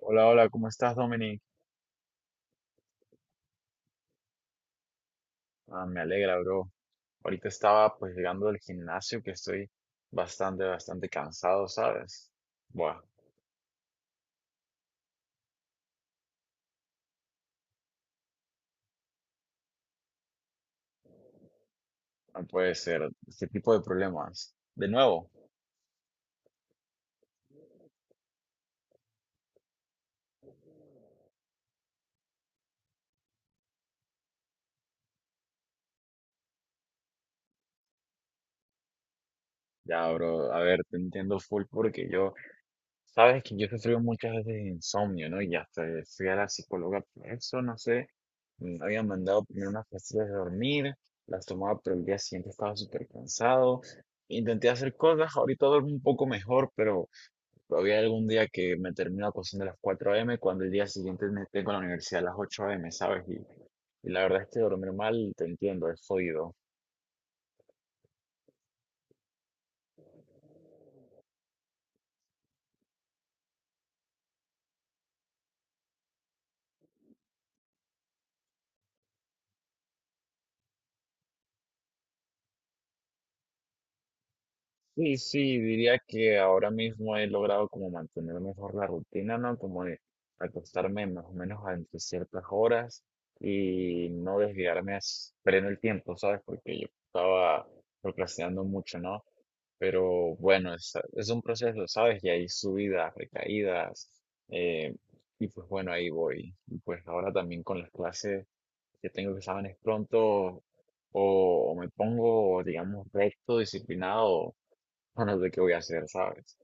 Hola, hola, ¿cómo estás, Dominic? Ah, me alegra, bro. Ahorita estaba pues llegando del gimnasio que estoy bastante cansado, ¿sabes? Buah, no puede ser. Este tipo de problemas. De nuevo. Ya, bro, a ver, te entiendo full porque yo, sabes que yo he sufrido muchas veces de insomnio, ¿no? Y hasta fui a la psicóloga por eso, no sé. Me habían mandado primero unas pastillas de dormir, las tomaba, pero el día siguiente estaba súper cansado. Intenté hacer cosas, ahorita duermo un poco mejor, pero había algún día que me termino acostando a las 4 a.m. cuando el día siguiente me tengo la universidad a las 8 a.m., ¿sabes? Y la verdad es que dormir mal, te entiendo, es jodido. Sí, sí, diría que ahora mismo he logrado como mantener mejor la rutina, ¿no? Como de acostarme más o menos a entre ciertas horas y no desviarme perdiendo el tiempo, ¿sabes? Porque yo estaba procrastinando mucho, ¿no? Pero bueno, es un proceso, ¿sabes? Y hay subidas, recaídas, eh, y pues bueno, ahí voy. Y pues ahora también con las clases que tengo exámenes pronto, o me pongo, digamos, recto, disciplinado, o no sé qué voy a hacer, ¿sabes?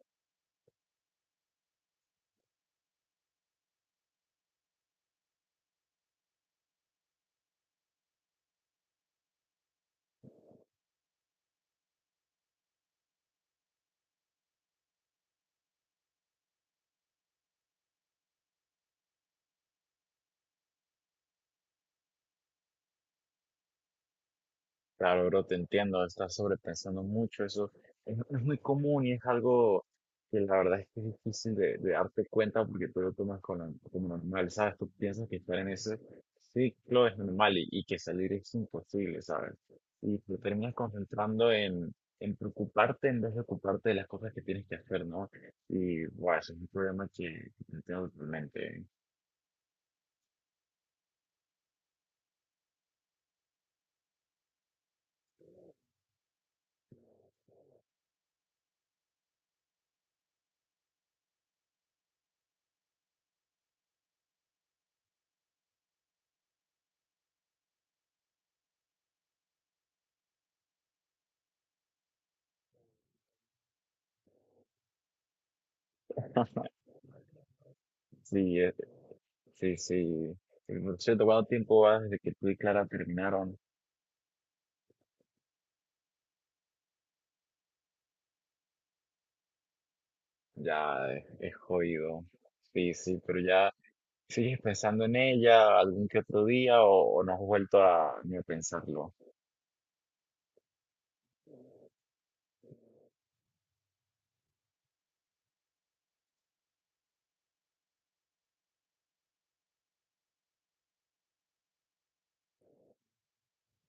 Claro, bro, te entiendo, estás sobrepensando mucho, eso es muy común y es algo que la verdad es que es difícil de darte cuenta porque tú lo tomas como normal, ¿sabes? Tú piensas que estar en ese ciclo es normal y que salir es imposible, ¿sabes? Y te terminas concentrando en preocuparte en vez de ocuparte de las cosas que tienes que hacer, ¿no? Y, bueno, eso es un problema que entiendo totalmente. Sí, sí, sí. Y, por cierto, ¿cuánto tiempo va desde que tú y Clara terminaron? Ya, es jodido. Sí, sí, pero ya sigues pensando en ella algún que otro día o no has vuelto a ni a pensarlo.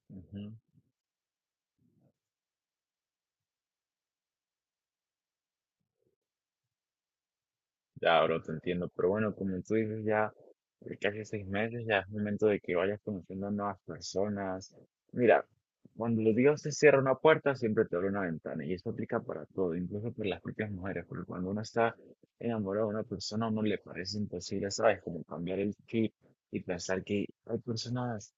Ujú. Ya, bro, te entiendo. Pero bueno, como tú dices, ya. De casi 6 meses, ya es momento de que vayas conociendo nuevas personas. Mira, cuando los Dios te cierra una puerta, siempre te abre una ventana, y eso aplica para todo, incluso para las propias mujeres, porque cuando uno está enamorado de una persona, a uno le parece imposible, ¿sabes? Como cambiar el chip y pensar que hay personas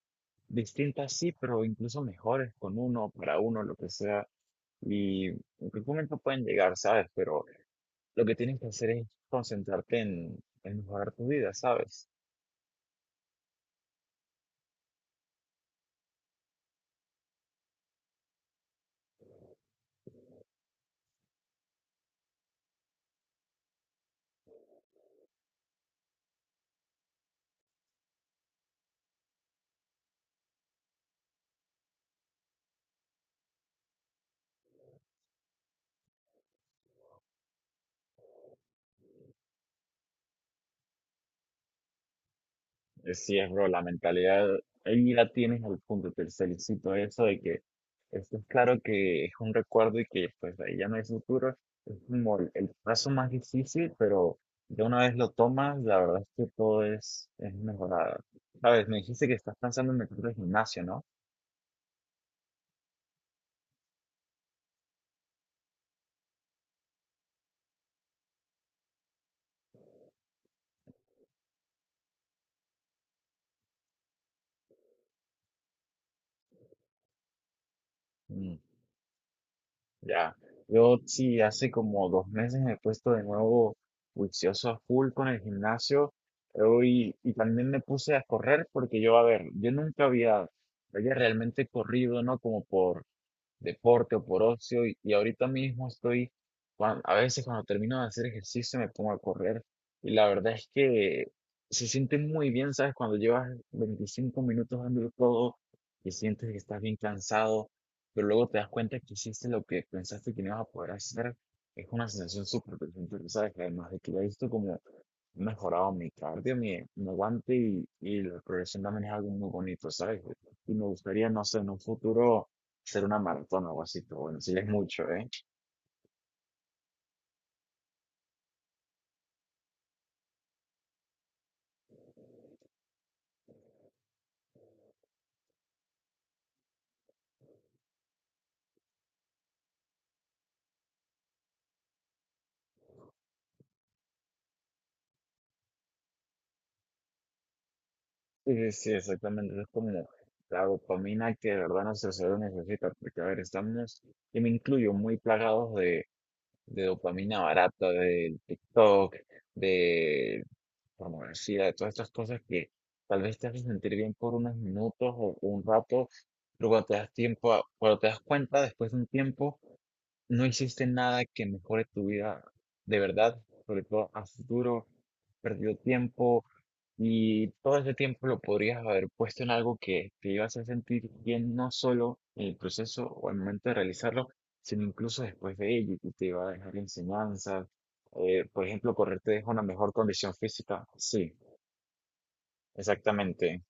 distintas, sí, pero incluso mejores con uno, para uno, lo que sea, y en qué momento pueden llegar, ¿sabes? Pero lo que tienes que hacer es concentrarte en mejorar tu vida, ¿sabes? Es sí, es, bro, la mentalidad ahí la tienes al punto, te felicito eso de que esto es claro que es un recuerdo y que pues ahí ya no hay futuro, es como el paso más difícil, pero ya una vez lo tomas, la verdad es que todo es mejorado. Sabes, me dijiste que estás pensando en meterte al gimnasio, ¿no? Ya, yo sí, hace como 2 meses me he puesto de nuevo juicioso a full con el gimnasio, eh, y también me puse a correr porque yo, a ver, yo nunca había, había realmente corrido, ¿no? Como por deporte o por ocio y ahorita mismo estoy, a veces cuando termino de hacer ejercicio me pongo a correr y la verdad es que se siente muy bien, ¿sabes? Cuando llevas 25 minutos dándolo todo y sientes que estás bien cansado, pero luego te das cuenta que hiciste lo que pensaste que no ibas a poder hacer, es una sensación súper placentera, ¿sabes? Además de que ya he visto como he mejorado mi cardio, mi aguante y la progresión también es algo muy bonito, ¿sabes? Y me gustaría, no sé, en un futuro hacer una maratón o algo así, pero bueno, sí es mucho, ¿eh? Sí, sí, exactamente, es como la dopamina que de verdad nuestro cerebro necesita, porque a ver, estamos, y me incluyo, muy plagados de dopamina barata, del TikTok, de pornografía, de todas estas cosas que tal vez te hacen sentir bien por unos minutos o un rato, pero cuando te das tiempo, cuando te das cuenta, después de un tiempo, no existe nada que mejore tu vida de verdad, sobre todo a futuro has perdido tiempo, y todo ese tiempo lo podrías haber puesto en algo que te iba a hacer sentir bien, no solo en el proceso o al momento de realizarlo, sino incluso después de ello, y te iba a dejar enseñanzas. Por ejemplo, correr te deja una mejor condición física. Sí, exactamente.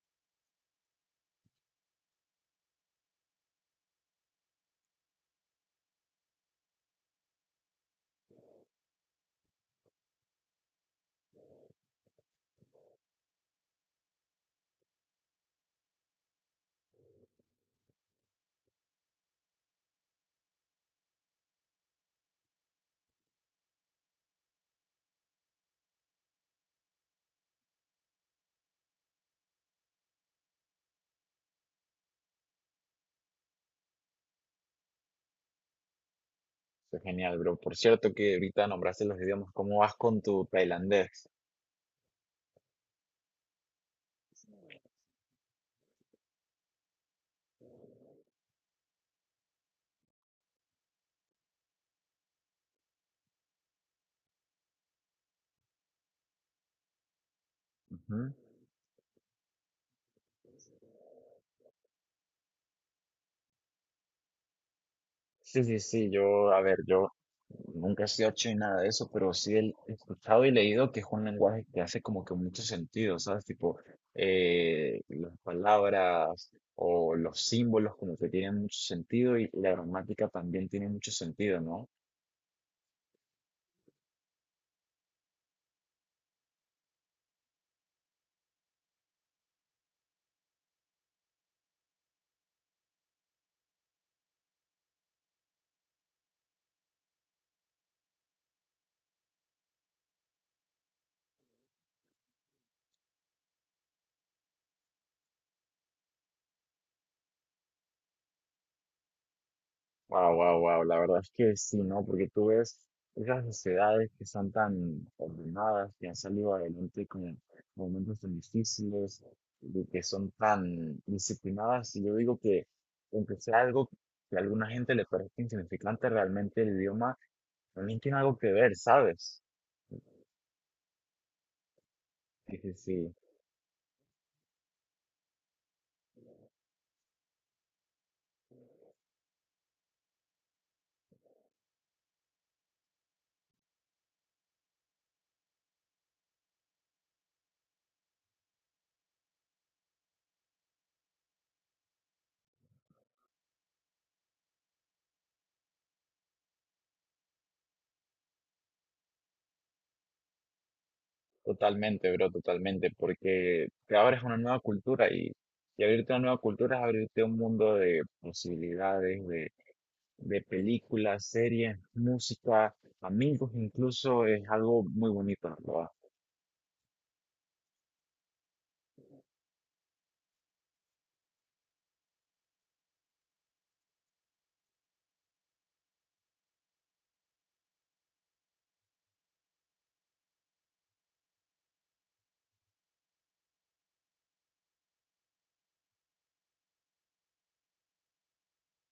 Fue genial, bro. Por cierto que ahorita nombraste los idiomas. ¿Cómo vas con tu tailandés? Ujú. Sí, sí, sí, yo, a ver, yo nunca he sido chino y nada de eso, pero sí he escuchado y leído que es un lenguaje que hace como que mucho sentido, ¿sabes? Tipo, las palabras o los símbolos como que tienen mucho sentido y la gramática también tiene mucho sentido, ¿no? Wow, wow, wow. La verdad es que sí, ¿no? Porque tú ves esas sociedades que son tan ordenadas, que han salido adelante con momentos tan difíciles, de que son tan disciplinadas. Y yo digo que, aunque sea algo que a alguna gente le parezca insignificante, realmente el idioma también tiene algo que ver, ¿sabes? Sí, sí, sí. Totalmente, bro, totalmente. Porque te abres a una nueva cultura y abrirte a una nueva cultura es abrirte a un mundo de posibilidades, de películas, series, música, amigos, incluso es algo muy bonito, ¿no? Lo-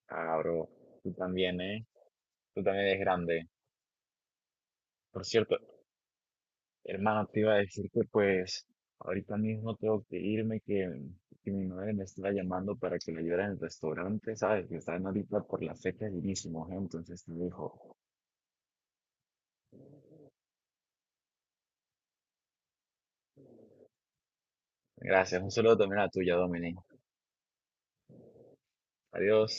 Ah, bro, tú también, ¿eh? Tú también eres grande. Por cierto, hermano, te iba a decir que pues ahorita mismo tengo que irme, que mi madre me está llamando para que le ayude en el restaurante, ¿sabes? Que están ahorita por las fechas llenísimos, ¿eh? Entonces te dijo, gracias, un saludo también a tuya, Dominic. Adiós.